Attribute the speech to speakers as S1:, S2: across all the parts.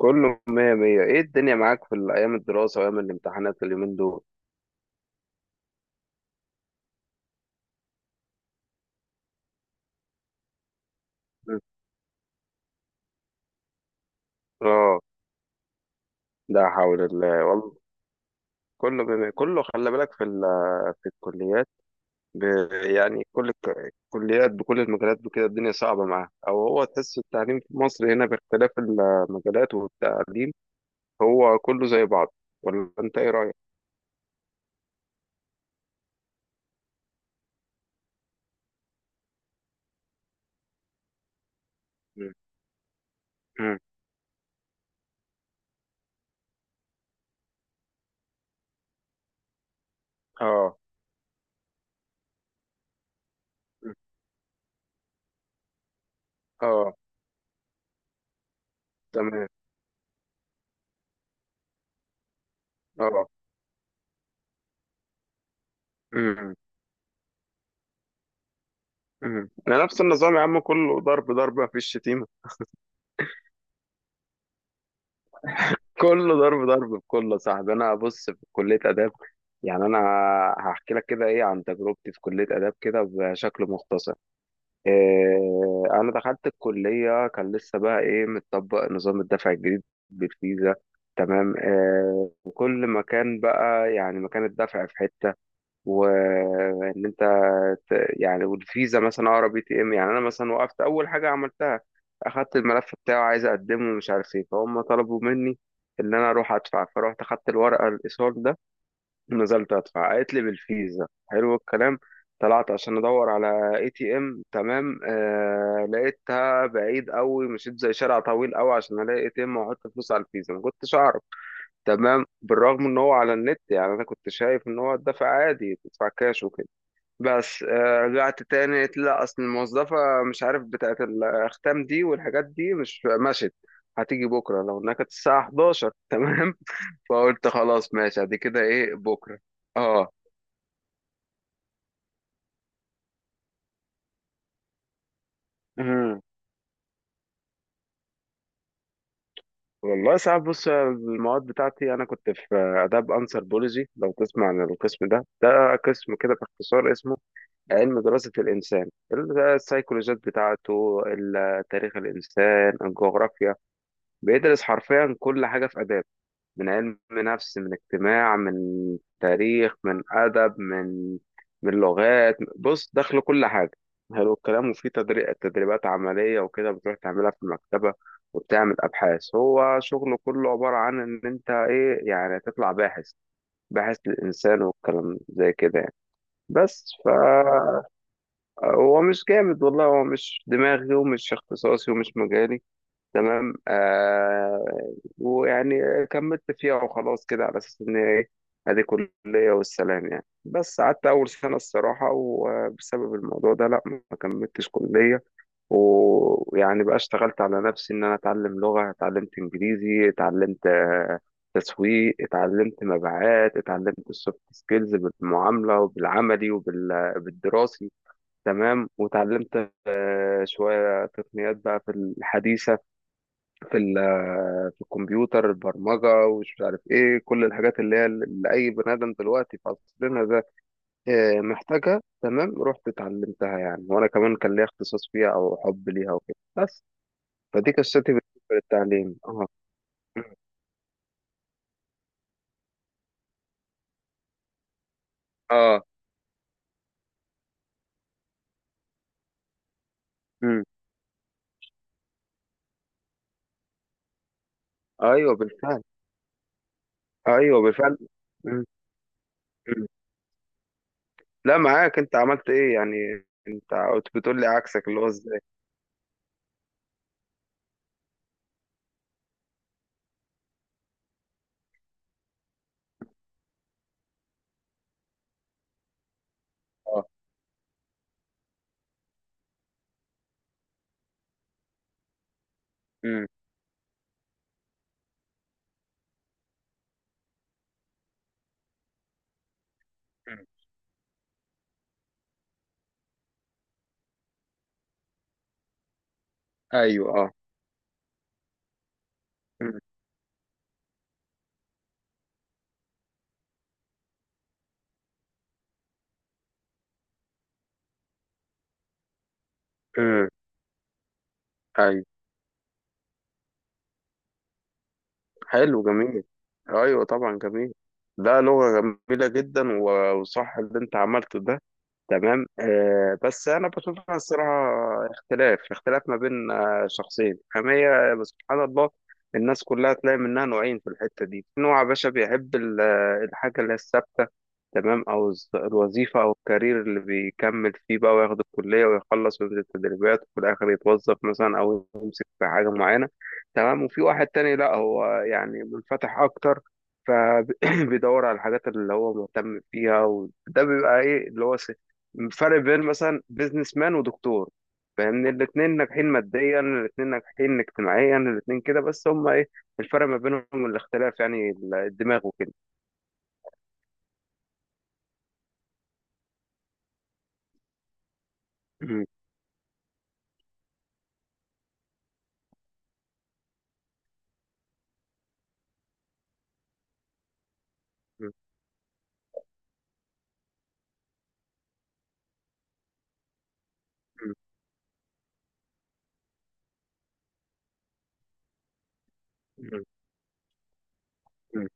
S1: كله مية مية، ايه الدنيا معاك في ايام الدراسة وايام الامتحانات اليومين دول؟ مم. اه. لا حول الله والله. كله خلي بالك في في الكليات. ب... يعني كل الكليات بكل المجالات بكده الدنيا صعبة معاها، او هو تحس التعليم في مصر هنا باختلاف المجالات والتعليم هو كله زي بعض؟ ولا انت ايه رأيك؟ مم. مم. اه. مم. اه. تمام. اه. مم. مم. انا نفس النظام يا عم، كله ضرب ضرب مفيش شتيمة. كله ضرب ضرب بكله يا صاحبي. انا بص في كليه اداب، يعني انا هحكي لك كده ايه عن تجربتي في كليه اداب كده بشكل مختصر. إيه، انا دخلت الكليه كان لسه بقى ايه متطبق نظام الدفع الجديد بالفيزا. تمام. إيه وكل مكان بقى يعني مكان الدفع في حته، وان انت يعني والفيزا مثلا اقرب اي تي ام. يعني انا مثلا وقفت اول حاجه عملتها اخدت الملف بتاعه، عايز اقدمه ومش عارف ايه، فهم طلبوا مني ان انا اروح ادفع. فرحت اخدت الورقه الايصال ده ونزلت ادفع، قالت لي بالفيزا. حلو الكلام. طلعت عشان ادور على اي تي ام، تمام؟ آه، لقيتها بعيد قوي، مشيت زي شارع طويل قوي عشان الاقي اي تي ام واحط فلوس على الفيزا، ما كنتش اعرف. تمام، بالرغم ان هو على النت، يعني انا كنت شايف ان هو الدفع عادي تدفع كاش وكده. بس رجعت تاني قلت لا، اصل الموظفة مش عارف بتاعت الاختام دي والحاجات دي، مش مشت. هتيجي بكرة لو انها كانت الساعة 11. تمام. فقلت خلاص ماشي ادي كده ايه بكرة. اه. امم والله ساعات. بص المواد بتاعتي، انا كنت في اداب انثروبولوجي. لو تسمع عن القسم ده، ده قسم كده باختصار اسمه علم دراسة الانسان. السايكولوجيات بتاعته، تاريخ الانسان، الجغرافيا، بيدرس حرفيا كل حاجة في اداب. من علم نفس، من اجتماع، من تاريخ، من أدب، من من لغات، بص دخل كل حاجة. حلو الكلام. وفي تدريبات عملية وكده، بتروح تعملها في المكتبة وبتعمل أبحاث. هو شغله كله عبارة عن إن أنت إيه يعني تطلع باحث، باحث للإنسان والكلام زي كده يعني. بس فهو مش جامد والله، هو مش دماغي ومش اختصاصي ومش مجالي. تمام. آه، ويعني كملت فيها وخلاص كده على اساس ان هي ايه، ادي كلية والسلام يعني. بس قعدت اول سنة الصراحة، وبسبب الموضوع ده لا ما كملتش كلية. ويعني بقى اشتغلت على نفسي ان انا اتعلم لغة. اتعلمت انجليزي، اتعلمت تسويق، اتعلمت مبيعات، اتعلمت السوفت سكيلز بالمعاملة وبالعملي وبالدراسي. تمام. وتعلمت شوية تقنيات بقى في الحديثة، في في الكمبيوتر، البرمجة، ومش عارف ايه، كل الحاجات اللي هي اللي أي بني آدم دلوقتي في عصرنا ده محتاجها. تمام، رحت اتعلمتها يعني، وأنا كمان كان ليا اختصاص فيها أو حب ليها وكده. بس فدي قصتي بالنسبة للتعليم. اه. اه. مم. ايوه بالفعل. ايوه بالفعل. مم. مم. لا معاك، انت عملت ايه يعني؟ انت كنت بتقول لي عكسك اللي هو ازاي؟ اه. مم. مم. ايوه. اه. مم. مم. ايوه. حلو، جميل. ايوه طبعا، جميل. لا لغة جميلة جدا، وصح اللي انت عملته ده. تمام. آه، بس انا بشوفها الصراحه اختلاف، اختلاف ما بين شخصين. أما هي بس سبحان الله، الناس كلها تلاقي منها نوعين في الحته دي. في نوع يا باشا بيحب الحاجه اللي هي الثابته، تمام، او الوظيفه او الكارير اللي بيكمل فيه بقى، وياخد الكليه ويخلص وينزل تدريبات وفي الاخر يتوظف مثلا او يمسك في حاجه معينه. تمام. وفي واحد تاني لا، هو يعني منفتح اكتر، فبيدور على الحاجات اللي هو مهتم فيها. وده بيبقى ايه اللي هو فرق بين مثلا بيزنس مان ودكتور. فاهمني؟ الاتنين ناجحين ماديا، الاتنين ناجحين اجتماعيا، الاتنين كده، بس هما ايه الفرق ما بينهم؟ الاختلاف يعني الدماغ وكده. م- م- م- م- م.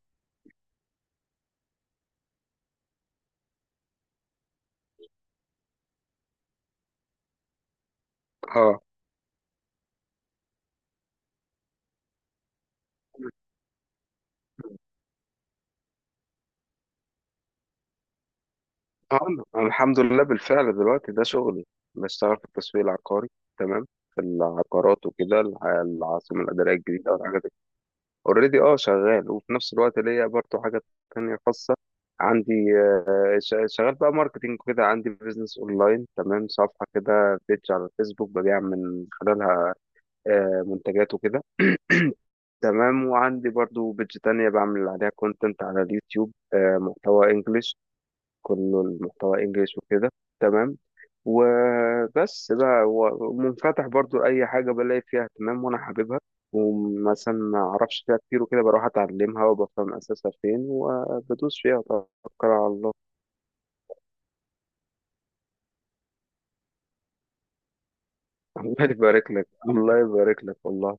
S1: اه. آه، أنا الحمد لله بالفعل دلوقتي ده شغلي. بشتغل في التسويق العقاري. تمام. في العقارات وكده، العاصمة الإدارية الجديدة والحاجات دي. اوريدي اه شغال. وفي نفس الوقت ليا برضه حاجات تانية خاصة عندي. شغال بقى ماركتينج كده، عندي بيزنس اونلاين. تمام. صفحه كده بيج على الفيسبوك، ببيع من خلالها منتجات وكده. تمام. وعندي برضو بيج تانية، بعمل عليها كونتنت على اليوتيوب، محتوى انجليش. كله المحتوى انجليش وكده. تمام. وبس بقى، ومنفتح برضو لأي حاجة بلاقي فيها اهتمام وأنا حاببها. ومثلا ما أعرفش فيها كتير وكده، بروح أتعلمها وبفهم أساسها فين وبدوس فيها وتوكل على الله. الله يبارك لك، الله يبارك لك والله.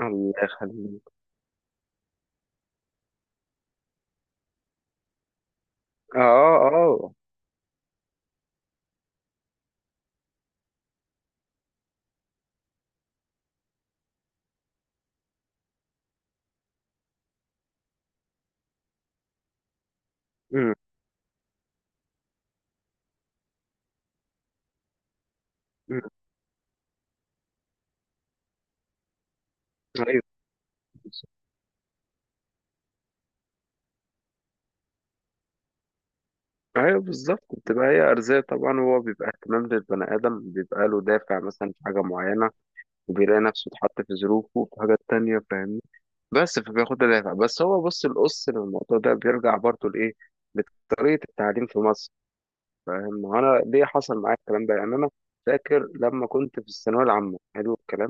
S1: الله يخليك. اه. اه. أمم، أمم. ايوه بالظبط. ايوه بالظبط. بتبقى هي ارزاق طبعا، وهو بيبقى اهتمام للبني ادم بيبقى له دافع مثلا في حاجه معينه، وبيلاقي نفسه اتحط في ظروفه في حاجات تانية، فاهمني؟ بس فبياخد الدافع. بس هو بص، القص للموضوع ده بيرجع برضه لايه؟ لطريقه التعليم في مصر. فاهم انا ليه حصل معايا الكلام ده؟ يعني انا فاكر لما كنت في الثانويه العامه، حلو الكلام،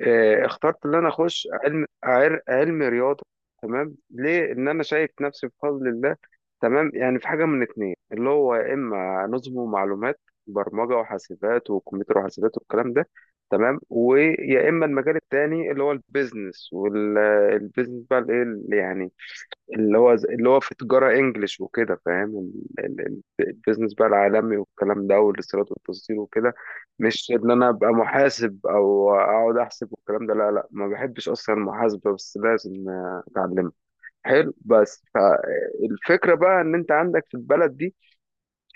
S1: آه، اخترت ان انا اخش علم رياضه. تمام. ليه؟ ان انا شايف نفسي بفضل الله، تمام، يعني في حاجه من اتنين. اللي هو يا اما نظم ومعلومات، برمجه وحاسبات وكمبيوتر وحاسبات والكلام ده. تمام. ويا اما المجال التاني اللي هو البيزنس. والبيزنس بقى الايه اللي يعني، اللي هو اللي هو في تجارة انجلش وكده، فاهم البيزنس بقى العالمي والكلام ده، والاستيراد والتصدير وكده. مش ان انا ابقى محاسب او اقعد احسب والكلام ده، لا لا، ما بحبش اصلا المحاسبة، بس لازم اتعلمها. حلو. بس فالفكرة بقى ان انت عندك في البلد دي،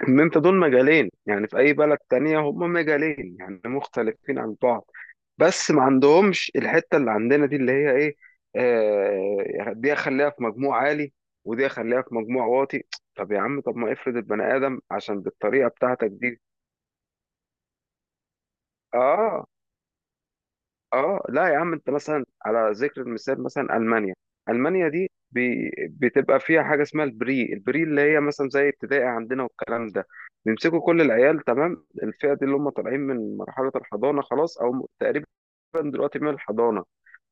S1: ان انت دول مجالين، يعني في اي بلد تانية هما مجالين يعني مختلفين عن بعض، بس ما عندهمش الحته اللي عندنا دي اللي هي ايه؟ آه، دي اخليها في مجموع عالي ودي اخليها في مجموع واطي. طب يا عم، طب ما افرض البني ادم عشان بالطريقه بتاعتك دي. اه. اه لا يا عم، انت مثلا على ذكر المثال مثلا المانيا. المانيا دي بي بتبقى فيها حاجه اسمها البري، البري اللي هي مثلا زي ابتدائي عندنا والكلام ده. بيمسكوا كل العيال، تمام، الفئه دي اللي هم طالعين من مرحله الحضانه خلاص او تقريبا دلوقتي من الحضانه.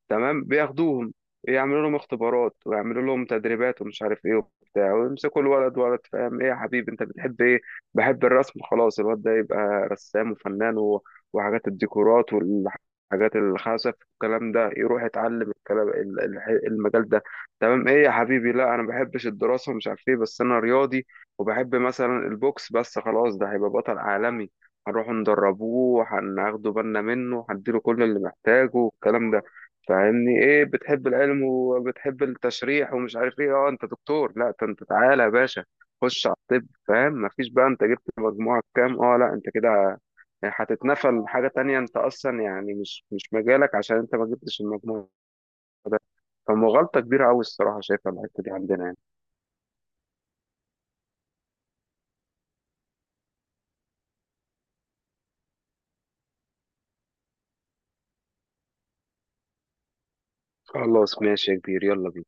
S1: تمام. بياخدوهم يعملوا لهم اختبارات ويعملوا لهم تدريبات ومش عارف ايه وبتاع، ويمسكوا الولد ولد فاهم، ايه يا حبيبي انت بتحب ايه؟ بحب الرسم. خلاص الواد ده يبقى رسام وفنان و... وحاجات الديكورات والحاجات الخزف والكلام ده، يروح يتعلم الكلام المجال ده. تمام. ايه يا حبيبي؟ لا انا ما بحبش الدراسة ومش عارف ايه، بس انا رياضي وبحب مثلا البوكس. بس خلاص، ده هيبقى بطل عالمي، هنروح ندربوه، هناخده بالنا منه، هنديله كل اللي محتاجه والكلام ده. فاهمني؟ ايه بتحب العلم وبتحب التشريح ومش عارف ايه؟ اه انت دكتور. لا ده انت تعالى يا باشا خش على الطب. فاهم؟ مفيش بقى انت جبت مجموعة كام، اه لا انت كده هتتنفل حاجة تانية، انت اصلا يعني مش مجالك عشان انت ما جبتش المجموع ده. فمغالطة كبيرة قوي الصراحة شايفها الحتة دي عندنا يعني. خلاص ماشي يا كبير، يلا بينا.